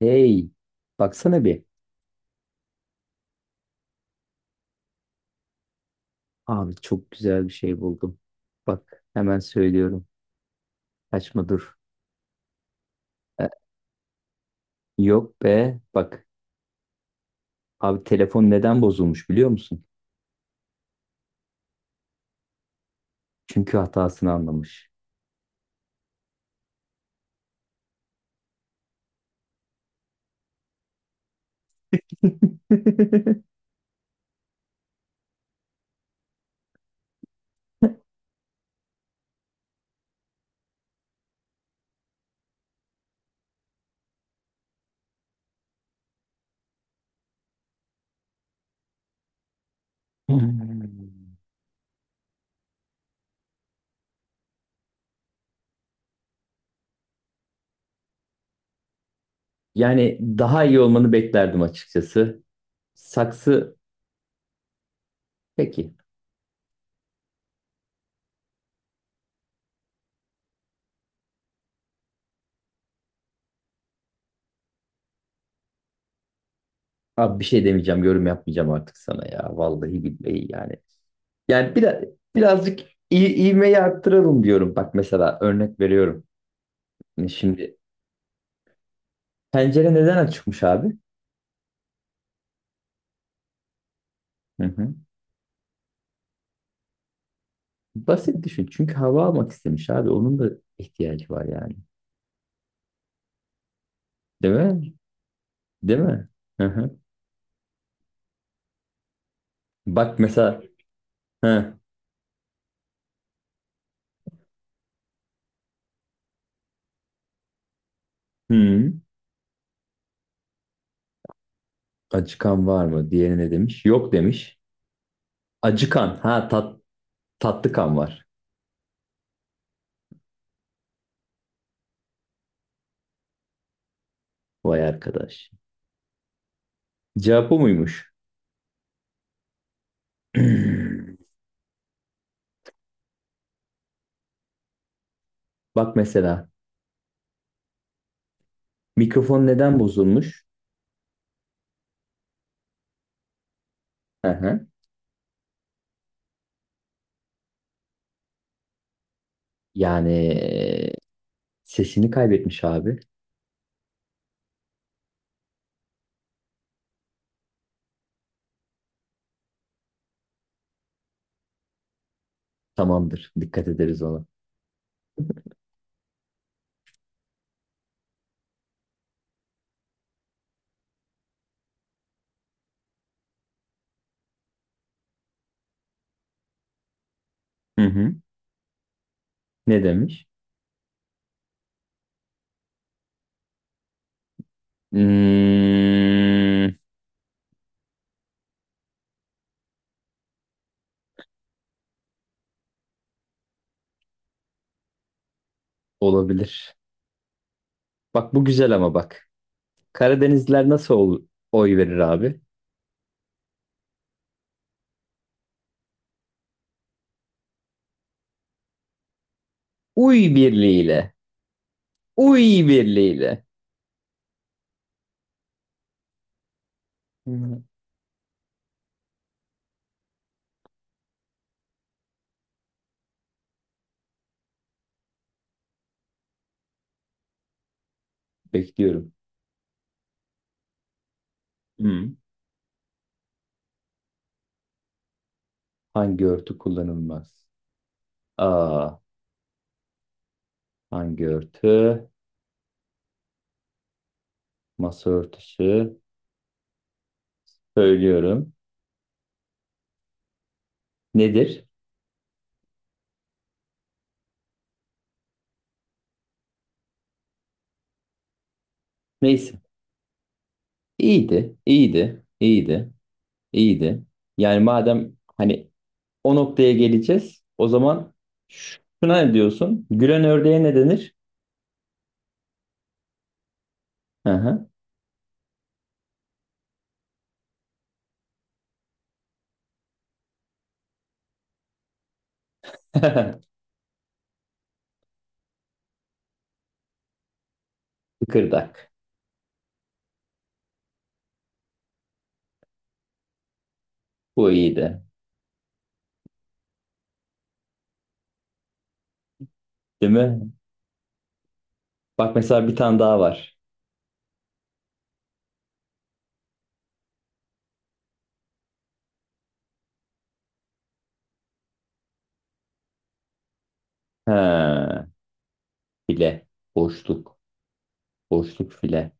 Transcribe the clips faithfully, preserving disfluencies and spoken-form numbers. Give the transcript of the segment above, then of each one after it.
Hey, baksana bir. Abi çok güzel bir şey buldum. Bak hemen söylüyorum. Kaçma dur. E, Yok be. Bak abi telefon neden bozulmuş biliyor musun? Çünkü hatasını anlamış. Yani daha iyi olmanı beklerdim açıkçası. Saksı peki. Abi bir şey demeyeceğim, yorum yapmayacağım artık sana ya. Vallahi billahi yani. Yani biraz birazcık iyi, ivmeyi arttıralım diyorum. Bak mesela örnek veriyorum. Şimdi pencere neden açıkmış abi? Hı hı. Basit düşün. Çünkü hava almak istemiş abi. Onun da ihtiyacı var yani. Değil mi? Değil mi? Hı hı. Bak mesela hı. Hı. Acıkan var mı? Diğeri ne demiş? Yok demiş. Acıkan. Ha tat, tatlı kan var. Vay arkadaş. Cevap o muymuş? Bak mesela mikrofon neden bozulmuş? Hı hı. Yani e, sesini kaybetmiş abi. Tamamdır. Dikkat ederiz ona. Hı hı. Ne demiş? Hmm, olabilir. Bak bu güzel ama bak. Karadenizliler nasıl ol- oy verir abi? Uy birliğiyle. Uy birliğiyle. Hı. Bekliyorum. Hı. Hangi örtü kullanılmaz? A. Hangi örtü? Masa örtüsü. Söylüyorum. Nedir? Neyse. İyiydi. İyiydi. İyiydi. İyiydi. Yani madem hani o noktaya geleceğiz, o zaman şuna ne diyorsun? Gülen ördeğe ne denir? Aha. Kıkırdak. Bu iyiydi. Değil mi? Bak mesela bir tane daha var. Ha, file. Boşluk. Boşluk file.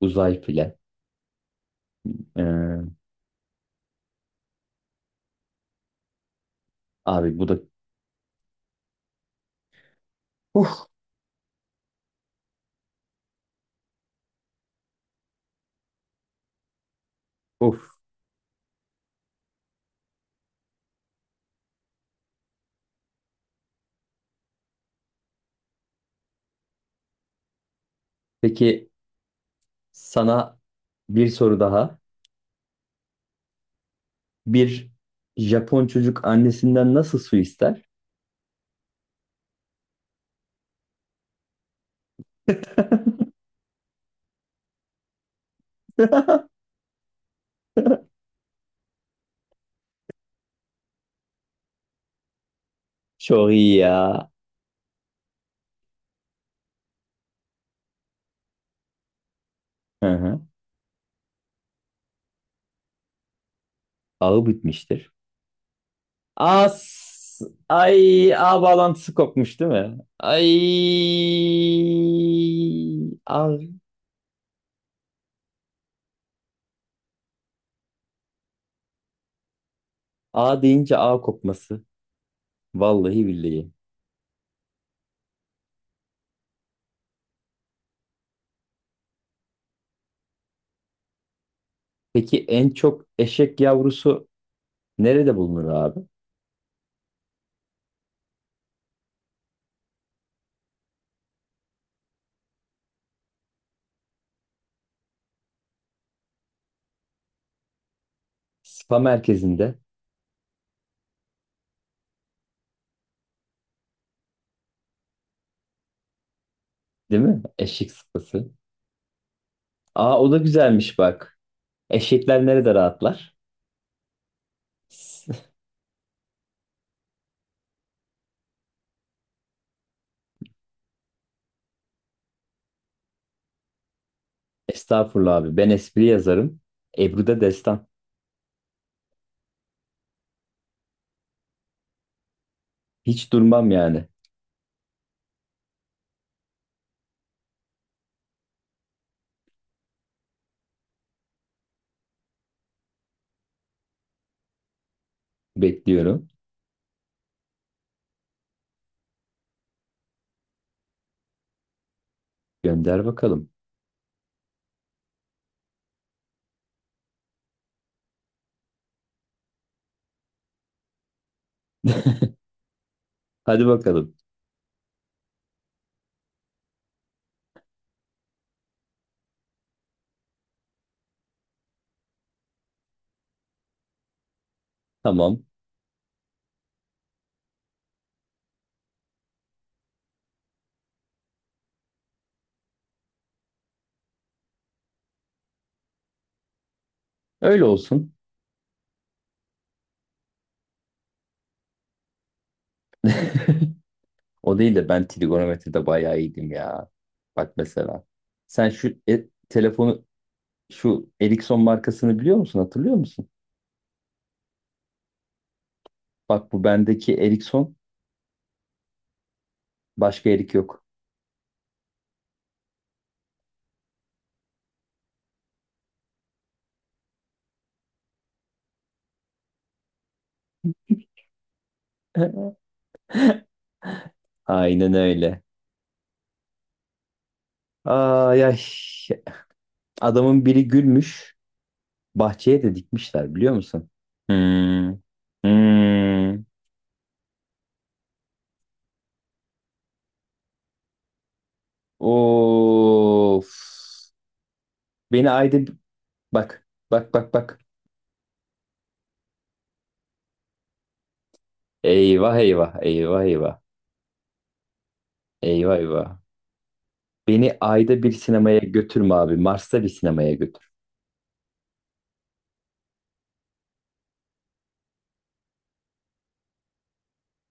Uzay file. Ee, abi bu da... Uf, uf. Peki sana bir soru daha. Bir Japon çocuk annesinden nasıl su ister? Çok iyi ya. Hı hı. Ağı bitmiştir. As ay A bağlantısı kopmuş değil mi? Ay A, A deyince A kopması. Vallahi billahi. Peki en çok eşek yavrusu nerede bulunur abi? Spa merkezinde değil mi? Eşek sıpası. Aa o da güzelmiş bak. Eşekler nerede rahatlar? S- Estağfurullah abi. Ben espri yazarım. Ebru'da destan. Hiç durmam yani. Bekliyorum. Gönder bakalım. Hadi bakalım. Tamam. Öyle olsun. O değil de ben trigonometride bayağı iyiydim ya. Bak mesela. Sen şu e- telefonu şu Ericsson markasını biliyor musun? Hatırlıyor musun? Bak bu bendeki Ericsson başka Erik yok. Aynen öyle. Ay ay. Adamın biri gülmüş. Bahçeye de dikmişler biliyor musun? Hmm. Hmm. Of. Beni ayda bak bak bak bak. Eyvah eyvah eyvah eyvah. Eyvah eyvah. Beni ayda bir sinemaya götürme abi. Mars'ta bir sinemaya götür.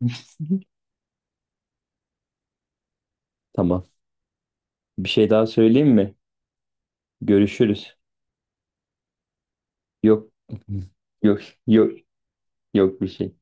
Tamam. Bir şey daha söyleyeyim mi? Görüşürüz. Yok. Yok. Yok. Yok bir şey.